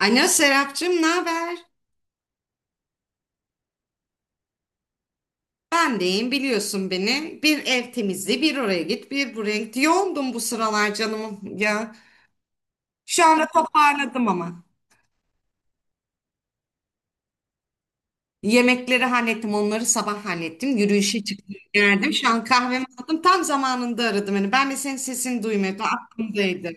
Alo Serapcığım, ne haber? Ben deyim biliyorsun beni. Bir ev temizliği, bir oraya git, bir buraya git. Yoğundum bu sıralar canım ya. Şu anda toparladım ama. Yemekleri hallettim, onları sabah hallettim. Yürüyüşe çıktım, geldim. Şu an kahvemi aldım. Tam zamanında aradım beni. Ben de senin sesini duymuyordum. Aklımdaydı.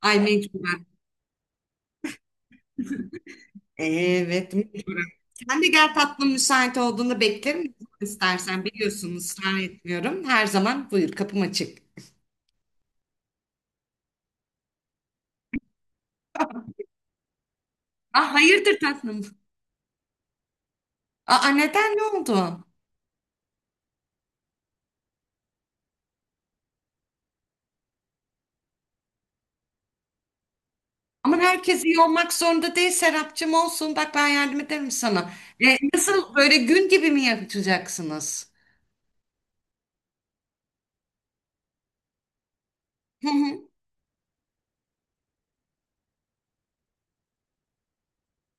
Ay mecburen. Evet, mecburen. Sen de gel tatlım müsait olduğunda beklerim. İstersen biliyorsun ısrar etmiyorum. Her zaman buyur kapım açık. Ah hayırdır tatlım? Aa, neden ne oldu? Ama herkes iyi olmak zorunda değil Serapcığım olsun. Bak ben yardım ederim sana. E, nasıl böyle gün gibi mi yapacaksınız? Hı hı.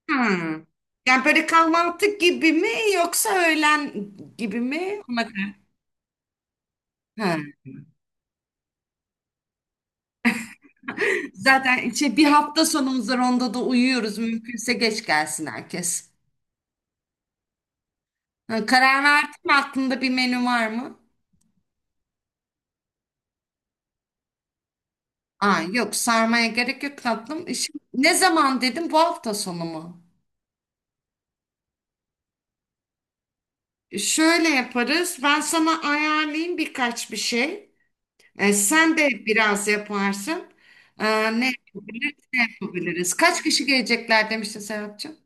Hmm. Yani böyle kahvaltı gibi mi yoksa öğlen gibi mi? Ona göre. Ha. Zaten şey, bir hafta sonumuz var onda da uyuyoruz. Mümkünse geç gelsin herkes. Ha, karar verdin mi? Aklında bir menü var mı? Aa, yok sarmaya gerek yok tatlım. E, şimdi ne zaman dedim? Bu hafta sonu mu? Şöyle yaparız. Ben sana ayarlayayım birkaç bir şey. E, sen de biraz yaparsın. E, ne yapabiliriz, ne yapabiliriz? Kaç kişi gelecekler demiştin Serapcığım?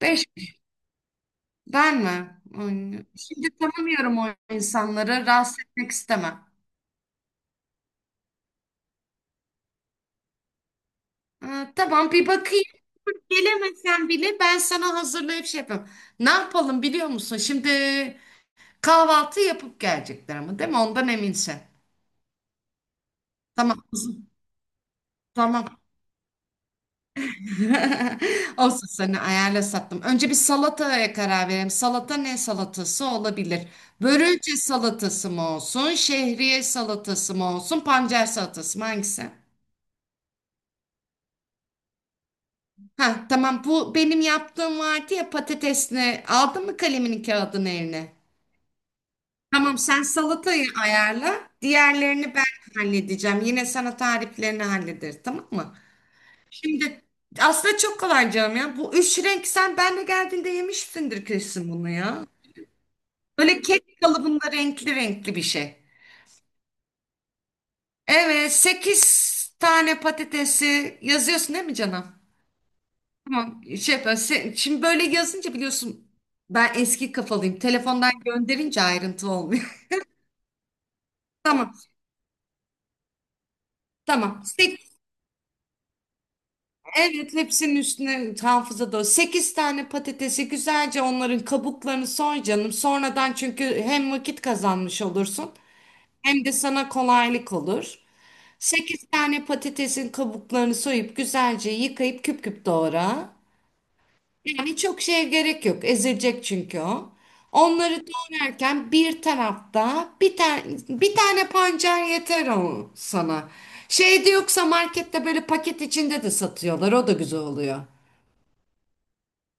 Beş kişi. Ben mi? Ay, şimdi tanımıyorum o insanları. Rahatsız etmek istemem. E, tamam bir bakayım. Gelemesen bile ben sana hazırlayıp şey yapayım. Ne yapalım biliyor musun? Şimdi kahvaltı yapıp gelecekler ama değil mi? Ondan eminsin. Tamam. Tamam. Olsun sana ayarla sattım. Önce bir salataya karar verelim. Salata ne salatası olabilir? Börülce salatası mı olsun? Şehriye salatası mı olsun? Pancar salatası mı? Hangisi? Ha tamam bu benim yaptığım vardı ya patatesini. Aldın mı kalemini kağıdını eline? Tamam sen salatayı ayarla. Diğerlerini ben halledeceğim. Yine sana tariflerini hallederiz tamam mı? Şimdi aslında çok kolay canım ya. Bu üç renk sen benle geldiğinde yemişsindir kesin bunu ya. Böyle kek kalıbında renkli renkli bir şey. Evet, 8 tane patatesi yazıyorsun değil mi canım? Tamam, şey yapıyorum. Şimdi böyle yazınca biliyorsun ben eski kafalıyım. Telefondan gönderince ayrıntı olmuyor. Tamam, tamam. Evet, hepsinin üstüne hafıza da 8 tane patatesi güzelce onların kabuklarını soy canım. Sonradan çünkü hem vakit kazanmış olursun hem de sana kolaylık olur. 8 tane patatesin kabuklarını soyup güzelce yıkayıp küp küp doğra. Yani çok şeye gerek yok. Ezilecek çünkü o. Onları doğrarken bir tarafta bir tane pancar yeter o sana. Şeyde yoksa markette böyle paket içinde de satıyorlar. O da güzel oluyor.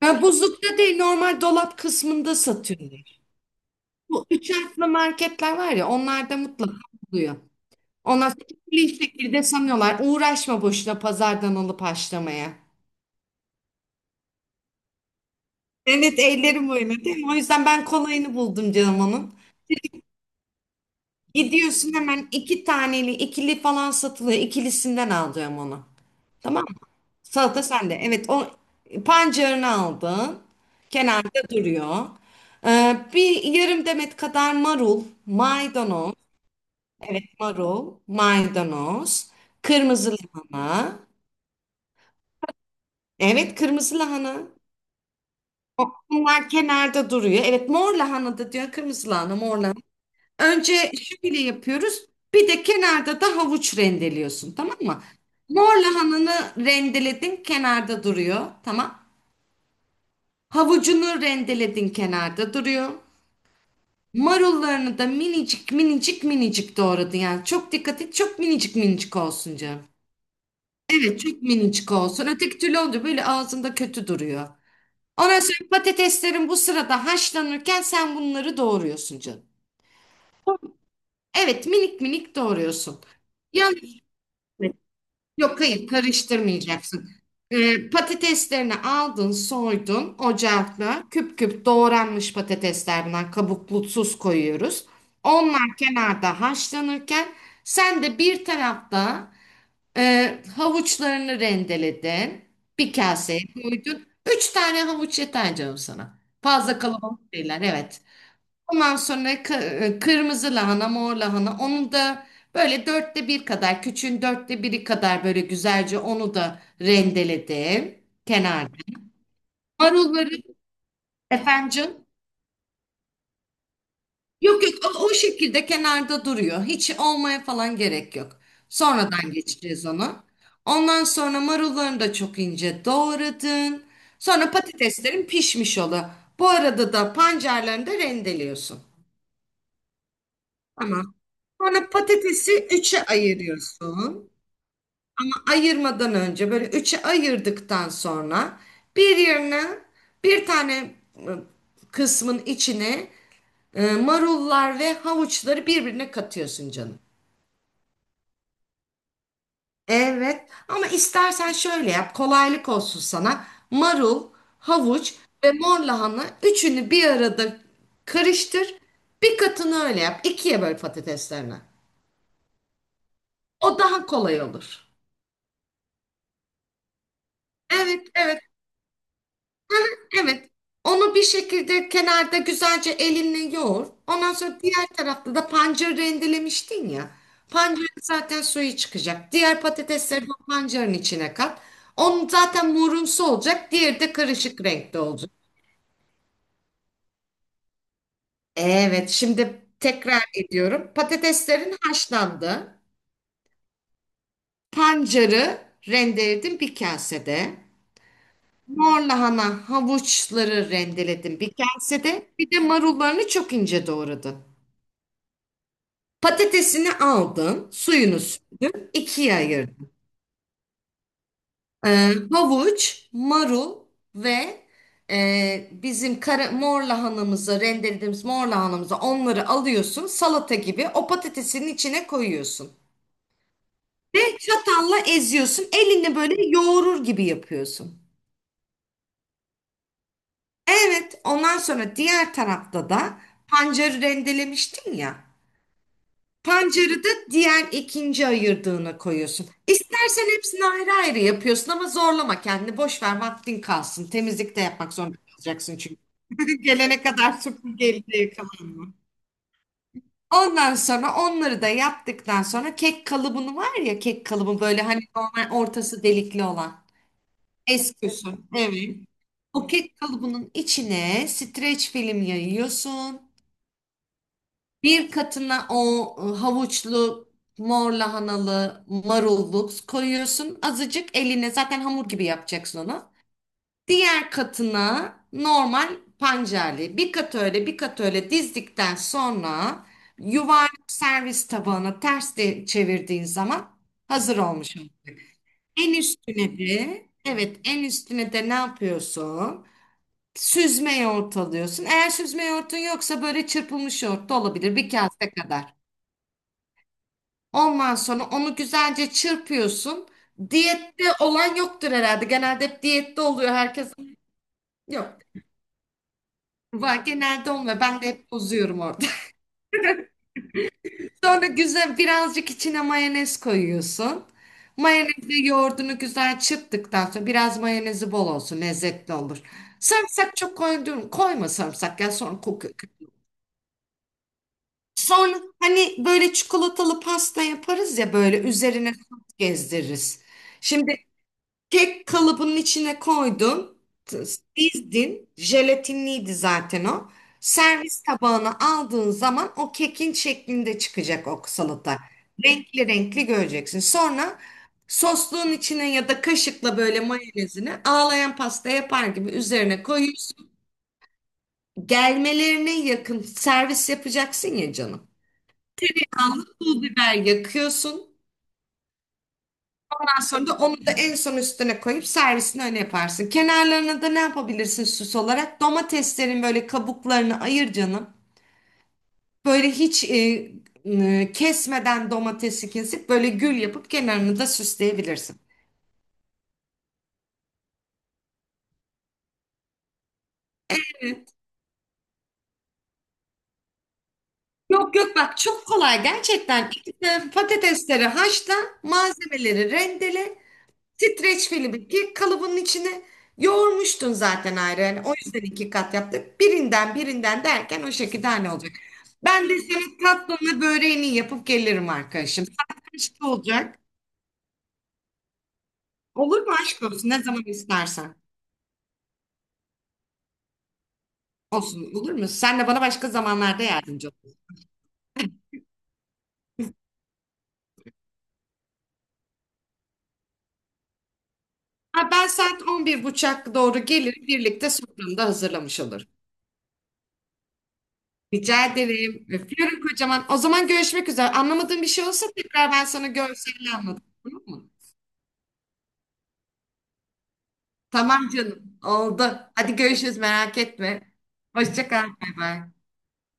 Ben buzlukta değil normal dolap kısmında satıyorlar. Bu üç harfli marketler var ya onlarda mutlaka oluyor. Ondan sonra bir şekilde sanıyorlar. Uğraşma boşuna pazardan alıp haşlamaya. Evet ellerim oyunu değil mi? O yüzden ben kolayını buldum canım onun. Gidiyorsun hemen iki taneli, ikili falan satılıyor. İkilisinden alacağım onu. Tamam mı? Salata sende. Evet o pancarını aldın. Kenarda duruyor. Bir yarım demet kadar marul, maydanoz. Evet marul, maydanoz. Kırmızı lahana. Evet kırmızı lahana. Bunlar kenarda duruyor. Evet mor lahana da diyor kırmızı lahana mor lahana. Önce şöyle yapıyoruz. Bir de kenarda da havuç rendeliyorsun tamam mı? Mor lahananı rendeledin kenarda duruyor tamam. Havucunu rendeledin kenarda duruyor. Marullarını da minicik minicik minicik doğradın yani. Çok dikkat et çok minicik minicik olsun canım. Evet çok minicik olsun. Öteki türlü olunca böyle ağzında kötü duruyor. Ondan sonra patateslerin bu sırada haşlanırken sen bunları doğruyorsun canım. Evet minik minik doğruyorsun. Yanlış. Yok hayır karıştırmayacaksın. Patateslerini aldın soydun ocakla küp küp doğranmış patateslerden kabuklusuz koyuyoruz. Onlar kenarda haşlanırken sen de bir tarafta havuçlarını rendeledin. Bir kaseye koydun. Üç tane havuç yeter canım sana. Fazla kalabalık değiller evet. Ondan sonra kırmızı lahana, mor lahana. Onu da böyle dörtte bir kadar, küçüğün dörtte biri kadar böyle güzelce onu da rendeledim kenarda. Marulları efendim. Yok yok o şekilde kenarda duruyor. Hiç olmaya falan gerek yok. Sonradan geçeceğiz onu. Ondan sonra marullarını da çok ince doğradın. Sonra patateslerin pişmiş olu. Bu arada da pancarlarını da rendeliyorsun. Tamam. Sonra patatesi üçe ayırıyorsun. Ama ayırmadan önce böyle üçe ayırdıktan sonra bir yerine bir tane kısmın içine marullar ve havuçları birbirine katıyorsun canım. Evet ama istersen şöyle yap kolaylık olsun sana. Marul, havuç ve mor lahana üçünü bir arada karıştır. Bir katını öyle yap. İkiye böl patateslerini. O daha kolay olur. Evet, evet. Evet. Onu bir şekilde kenarda güzelce elinle yoğur. Ondan sonra diğer tarafta da pancarı rendelemiştin ya. Pancarın zaten suyu çıkacak. Diğer patatesleri de o pancarın içine kat. Onun zaten morumsu olacak. Diğeri de karışık renkte olacak. Evet, şimdi tekrar ediyorum. Patateslerin haşlandı. Pancarı rendeledim bir kasede. Mor lahana havuçları rendeledim bir kasede. Bir de marullarını çok ince doğradın. Patatesini aldın, suyunu sürdün, ikiye ayırdın. Ee, havuç, marul ve bizim mor lahanamızı, rendelediğimiz mor lahanamızı onları alıyorsun. Salata gibi o patatesinin içine koyuyorsun. Ve çatalla eziyorsun. Elini böyle yoğurur gibi yapıyorsun. Evet, ondan sonra diğer tarafta da pancarı rendelemiştin ya. Pancarı da diğer ikinci ayırdığına koyuyorsun. İstersen hepsini ayrı ayrı yapıyorsun ama zorlama kendini. Boş ver vaktin kalsın. Temizlik de yapmak zorunda kalacaksın çünkü. Gelene kadar süpürgeyle yıkamanı. Ondan sonra onları da yaptıktan sonra kek kalıbını var ya kek kalıbı böyle hani normal ortası delikli olan. Eski Evet. O kek kalıbının içine streç film yayıyorsun. Bir katına o havuçlu, mor lahanalı, marulluk koyuyorsun. Azıcık eline zaten hamur gibi yapacaksın onu. Diğer katına normal pancarlı. Bir kat öyle bir kat öyle dizdikten sonra yuvarlak servis tabağına ters de çevirdiğin zaman hazır olmuş olur. En üstüne de evet en üstüne de ne yapıyorsun? Süzme yoğurt alıyorsun. Eğer süzme yoğurtun yoksa böyle çırpılmış yoğurt da olabilir bir kase kadar. Ondan sonra onu güzelce çırpıyorsun. Diyette olan yoktur herhalde. Genelde hep diyette oluyor herkes. Yok. Var genelde olmuyor. Ben de hep bozuyorum orada. Sonra güzel birazcık içine mayonez koyuyorsun. Mayonezi yoğurdunu güzel çırptıktan sonra biraz mayonezi bol olsun lezzetli olur. Sarımsak çok koydun, koyma sarımsak ya sonra kokuyor. Sonra hani böyle çikolatalı pasta yaparız ya böyle üzerine sos gezdiririz. Şimdi kek kalıbının içine koydun, t- dizdin, jelatinliydi zaten o. Servis tabağına aldığın zaman o kekin şeklinde çıkacak o salata. Renkli renkli göreceksin. Sonra sosluğun içine ya da kaşıkla böyle mayonezini ağlayan pasta yapar gibi üzerine koyuyorsun. Gelmelerine yakın servis yapacaksın ya canım. Kanlı pul biber yakıyorsun. Ondan sonra da onu da en son üstüne koyup servisini öyle yaparsın. Kenarlarına da ne yapabilirsin süs olarak? Domateslerin böyle kabuklarını ayır canım. Böyle hiç kesmeden domatesi kesip böyle gül yapıp kenarını da süsleyebilirsin. Yok yok bak çok kolay gerçekten. İşte patatesleri haşla, malzemeleri rendele. Streç film iki kalıbının içine yoğurmuştun zaten ayrı. Yani o yüzden iki kat yaptık. Birinden birinden derken o şekilde hani olacak. Ben de senin tatlını böreğini yapıp gelirim arkadaşım. Saat kaçta olacak? Olur mu aşk olsun? Ne zaman istersen. Olsun olur mu? Sen de bana başka zamanlarda yardımcı ol. Ha, ben saat 11:30 doğru gelirim. Birlikte sofranı da hazırlamış olur. Rica ederim. Öpüyorum kocaman. O zaman görüşmek üzere. Anlamadığın bir şey olsa tekrar ben sana görselini anlatırım. Olur mu? Tamam canım. Oldu. Hadi görüşürüz merak etme. Hoşça kal. Bay bay.